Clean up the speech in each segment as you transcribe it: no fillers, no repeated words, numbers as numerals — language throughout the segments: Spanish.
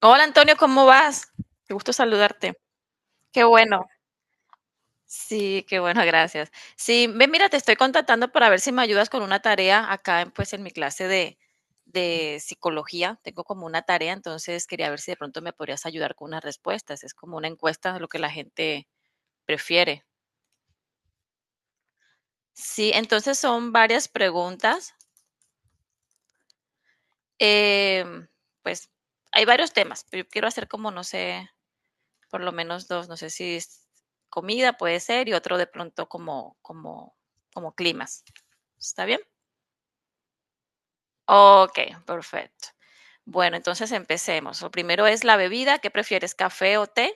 Hola Antonio, ¿cómo vas? Qué gusto saludarte. Qué bueno. Sí, qué bueno, gracias. Sí, ve, mira, te estoy contactando para ver si me ayudas con una tarea acá, pues, en mi clase de psicología. Tengo como una tarea, entonces quería ver si de pronto me podrías ayudar con unas respuestas. Es como una encuesta de lo que la gente prefiere. Sí, entonces son varias preguntas. em, pues hay varios temas, pero yo quiero hacer como, no sé, por lo menos dos, no sé si es comida puede ser y otro de pronto como climas. ¿Está bien? Ok, perfecto. Bueno, entonces empecemos. Lo primero es la bebida. ¿Qué prefieres, café o té?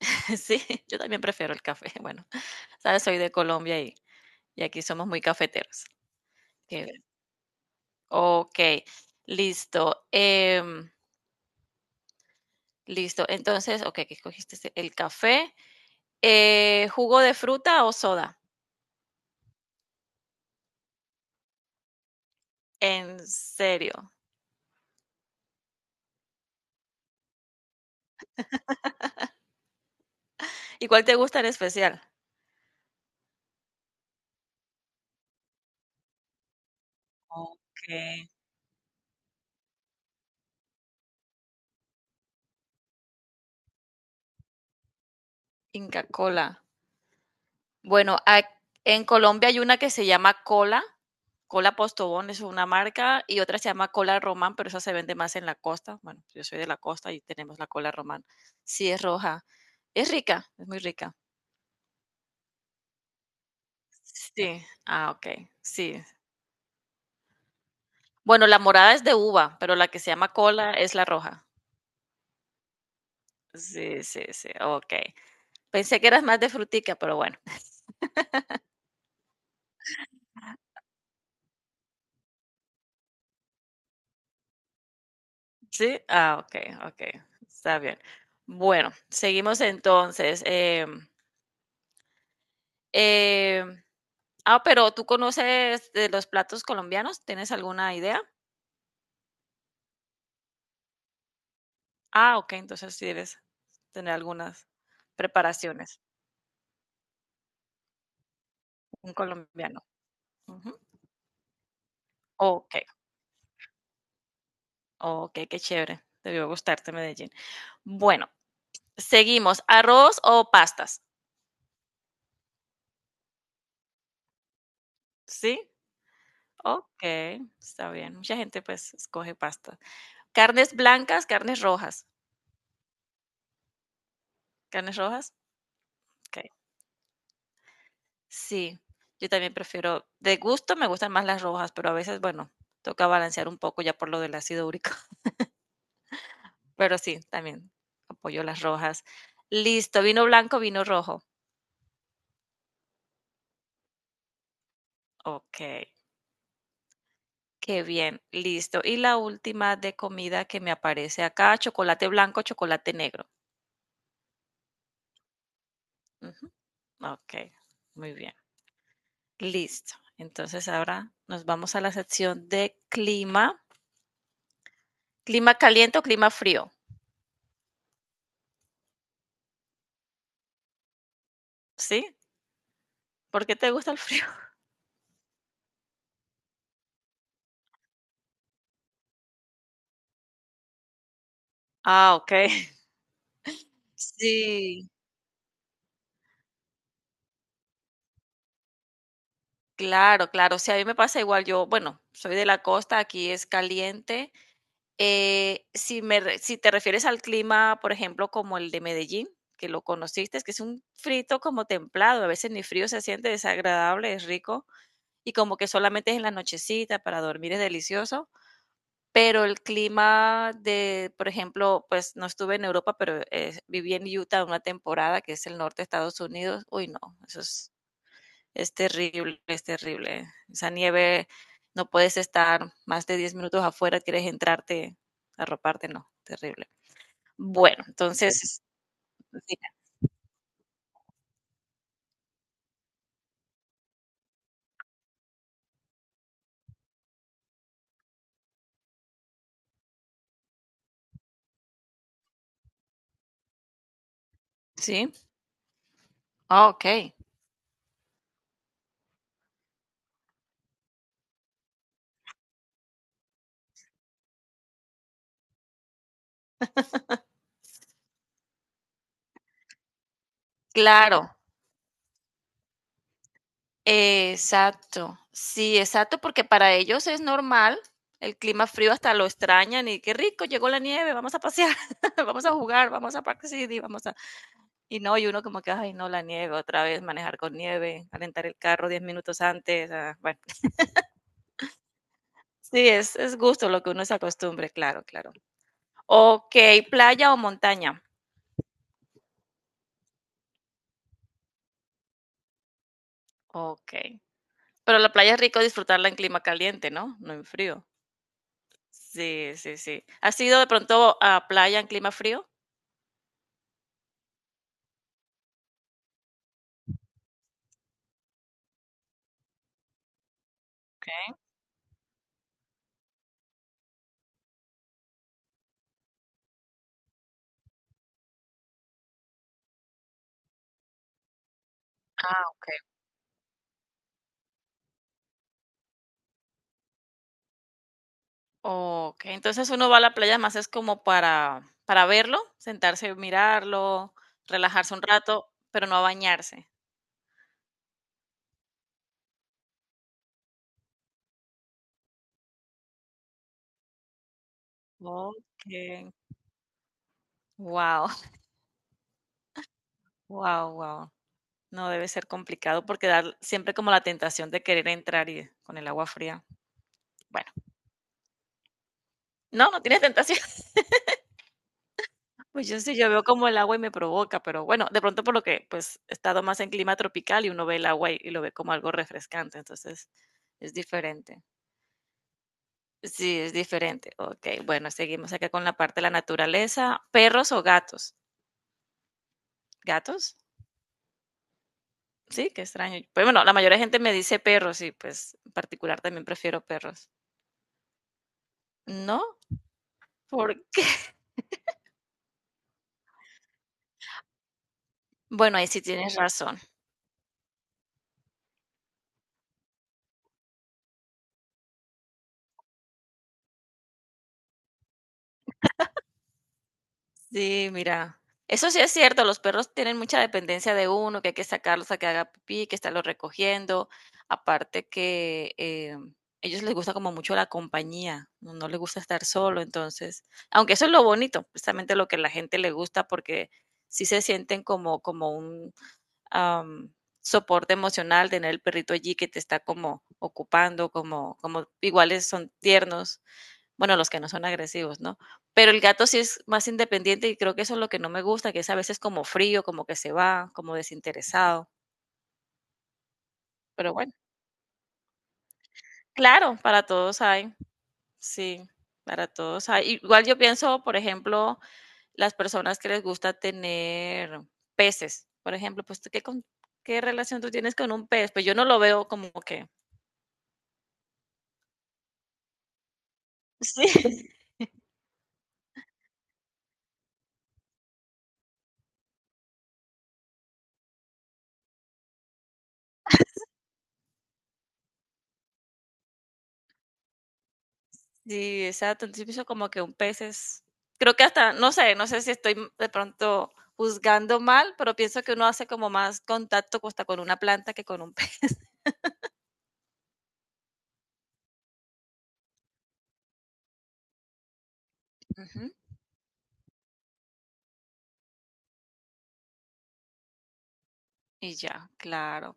Sí, yo también prefiero el café. Bueno, sabes, soy de Colombia y aquí somos muy cafeteros. Qué bien. Ok, listo. Listo. Entonces, ok, ¿qué escogiste? El café. ¿Jugo de fruta o soda? ¿En serio? ¿Y cuál te gusta en especial? Okey. Inca Kola. Bueno, ac en Colombia hay una que se llama Cola, Cola Postobón es una marca, y otra se llama Cola Román, pero esa se vende más en la costa. Bueno, yo soy de la costa y tenemos la Cola Román. Sí, es roja. Es rica, es muy rica. Sí. Ah, okey. Sí. Bueno, la morada es de uva, pero la que se llama Cola es la roja. Sí, sí, sí, okey. Pensé que eras más de frutica, pero bueno. Sí, ah, okey, okey, está bien. Bueno, seguimos entonces, em, ah, pero ¿tú conoces de los platos colombianos? ¿Tienes alguna idea? Ah, okey, entonces sí debes tener algunas preparaciones, un colombiano. Ujú. Okey, okey, qué chévere, debió gustarte Medellín. Bueno, seguimos, ¿arroz o pastas? ¿Sí? Okey, está bien. Mucha gente, pues, escoge pasta. ¿Carnes blancas, carnes rojas? ¿Carnes rojas? Okey. Sí, yo también prefiero de gusto, me gustan más las rojas, pero a veces, bueno, toca balancear un poco ya por lo del ácido úrico. Pero sí, también apoyo las rojas. Listo, vino blanco, vino rojo. Okey, qué bien, listo. Y la última de comida que me aparece acá, chocolate blanco, chocolate negro. Ujú, okey, muy bien, listo. Entonces ahora nos vamos a la sección de clima, ¿clima caliente o clima frío? ¿Sí? ¿Por qué te gusta el frío? Ah, okey. Sí, claro, claro. Sí, a mí me pasa igual. Yo, bueno, soy de la costa, aquí es caliente. Si me re Si te refieres al clima, por ejemplo, como el de Medellín, que lo conociste, es que es un frito como templado, a veces ni frío se siente, desagradable, es rico, y como que solamente es en la nochecita, para dormir es delicioso, pero el clima de, por ejemplo, pues, no estuve en Europa, pero, viví en Utah una temporada, que es el norte de Estados Unidos. Uy, no, eso es. Es terrible, es terrible. Esa nieve, no puedes estar más de 10 minutos, quieres entrarte, arroparte, no, terrible. Bueno, entonces, ¿sí? Sí. Ah, ok, claro, exacto. Sí, exacto, porque para ellos es normal el clima frío, hasta lo extrañan y qué rico, llegó la nieve, vamos a pasear, vamos a jugar, vamos a Park City, vamos a... Y no, y uno como que, ay, no, la nieve, otra vez manejar con nieve, calentar el carro 10 minutos, ah, bueno. Sí, es gusto lo que uno se acostumbre, claro, claro. Okey, ¿playa o montaña? Okey. Pero la playa es rico disfrutarla en clima caliente, ¿no? No en frío. Sí, sí, sí. ¿Has ido de pronto a playa en clima frío? Okey, okey. Okey, entonces uno va a la playa más es como para verlo, sentarse, mirarlo, relajarse un rato, pero no a bañarse. Okey. Wow. Wow, wow. No debe ser complicado porque dar siempre como la tentación de querer entrar y con el agua fría. Bueno, no, no tienes tentación. Pues yo sí, yo veo como el agua y me provoca, pero bueno, de pronto por lo que pues he estado más en clima tropical y uno ve el agua y lo ve como algo refrescante, entonces es diferente. Sí, es diferente. Ok, bueno, seguimos acá con la parte de la naturaleza. ¿Perros o gatos? ¿Gatos? Sí, qué extraño. Pues bueno, la mayoría de gente me dice perros y pues en particular también prefiero perros. ¿No? ¿Por qué? Bueno, ahí sí tienes razón. Sí, mira, eso sí es cierto, los perros tienen mucha dependencia de uno, que hay que sacarlos a que haga pipí, que estarlos recogiendo, aparte que ellos les gusta como mucho la compañía, no, no les gusta estar solo, entonces, aunque eso es lo bonito, precisamente lo que a la gente le gusta, porque sí se sienten como, como un am, soporte emocional, tener el perrito allí que te está como ocupando, como, como iguales son tiernos, bueno, los que no son agresivos, ¿no? Pero el gato sí es más independiente y creo que eso es lo que no me gusta, que es a veces como frío, como que se va, como desinteresado. Pero bueno, claro, para todos hay, sí, para todos hay. Igual yo pienso, por ejemplo, las personas que les gusta tener peces, por ejemplo, pues ¿tú qué, qué relación tú tienes con un pez? Pues yo no lo veo como que... Sí. Sí, exacto. Entonces yo pienso como que un pez es, creo que hasta, no sé, no sé si estoy de pronto juzgando mal, pero pienso que uno hace como más contacto hasta con una planta que con un pez. Ujú. Y ya, claro.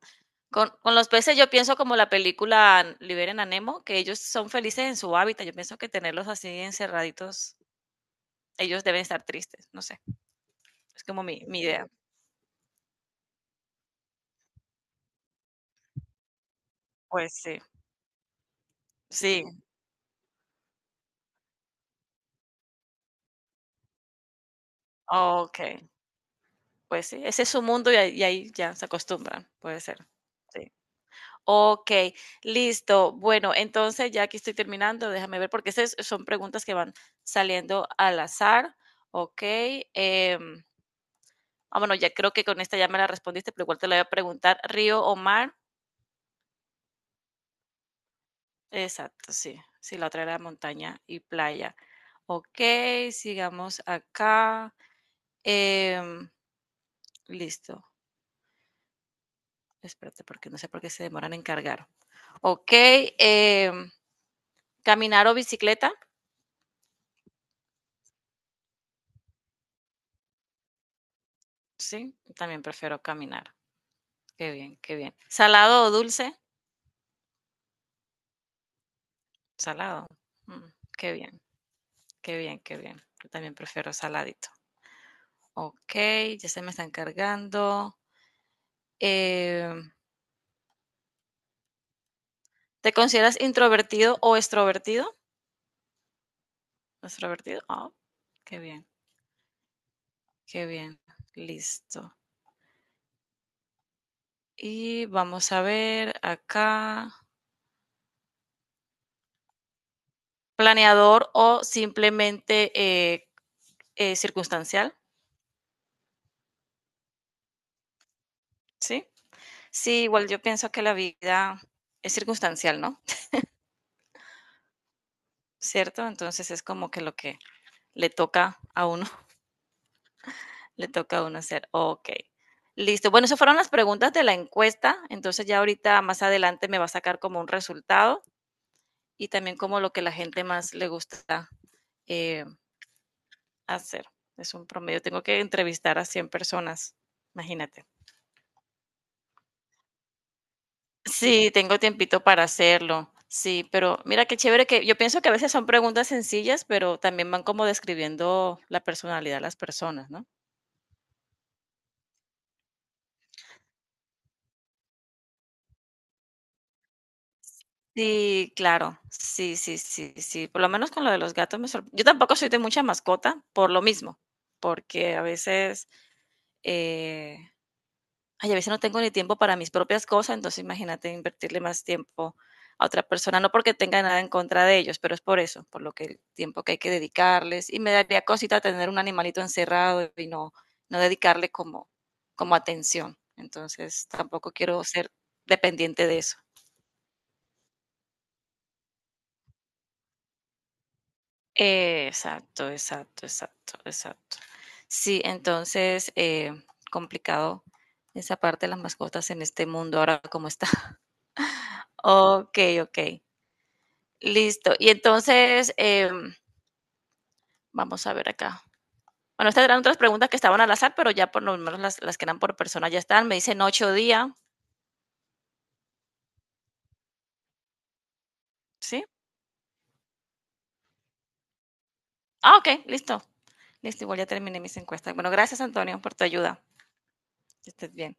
Con los peces yo pienso como la película Liberen a Nemo, que ellos son felices en su hábitat. Yo pienso que tenerlos así encerraditos, ellos deben estar tristes, no sé. Es como mi idea. Pues sí, sí, ok. Pues sí, ese es su mundo y ahí ya se acostumbran, puede ser. Sí. Ok, listo. Bueno, entonces ya que estoy terminando, déjame ver, porque esas son preguntas que van saliendo al azar. Ok. em, ah, bueno, ya creo que con esta ya me la respondiste, pero igual te la voy a preguntar. ¿Río o mar? Exacto, sí. Sí, la otra era montaña y playa. Ok, sigamos acá. Em, Listo. Espérate, porque no sé por qué se demoran en cargar. Ok, em, ¿caminar o bicicleta? Sí, también prefiero caminar. Qué bien, qué bien. ¿Salado o dulce? Salado. Mm, qué bien, qué bien, qué bien. Yo también prefiero saladito. Ok, ya se me están cargando. Eh, ¿Te consideras introvertido o extrovertido? Extrovertido. Ah, qué bien, qué bien. Listo. Y vamos a ver acá. Planeador o simplemente circunstancial, ¿sí? Sí, igual yo pienso que la vida es circunstancial, ¿no? ¿Cierto? Entonces es como que lo que le toca a uno, le toca a uno hacer. Ok, listo. Bueno, esas fueron las preguntas de la encuesta. Entonces ya ahorita más adelante me va a sacar como un resultado y también como lo que la gente más le gusta eh, hacer. Es un promedio. Tengo que entrevistar a 100 personas, imagínate. Sí, tengo tiempito para hacerlo. Sí, pero mira qué chévere que yo pienso que a veces son preguntas sencillas, pero también van como describiendo la personalidad de las personas, ¿no? Sí, claro. Sí, sí, sí, sí. Por lo menos con lo de los gatos me sorprendió. Yo tampoco soy de mucha mascota por lo mismo, porque a veces, eh, ay, a veces no tengo ni tiempo para mis propias cosas, entonces imagínate invertirle más tiempo a otra persona, no porque tenga nada en contra de ellos, pero es por eso, por lo que el tiempo que hay que dedicarles. Y me daría cosita tener un animalito encerrado y no, no dedicarle como, como atención. Entonces tampoco quiero ser dependiente de eso. Exacto, exacto, exacto, exacto. Sí, entonces, complicado esa parte de las mascotas en este mundo ahora como está. Ok, ok. Listo. Y entonces, vamos a ver acá. Bueno, estas eran otras preguntas que estaban al azar, pero ya por lo menos las que eran por persona ya están. Me dicen 8 días. ¿Sí? Ah, ok, listo. Listo, igual ya terminé mis encuestas. Bueno, gracias Antonio por tu ayuda. Que estés bien.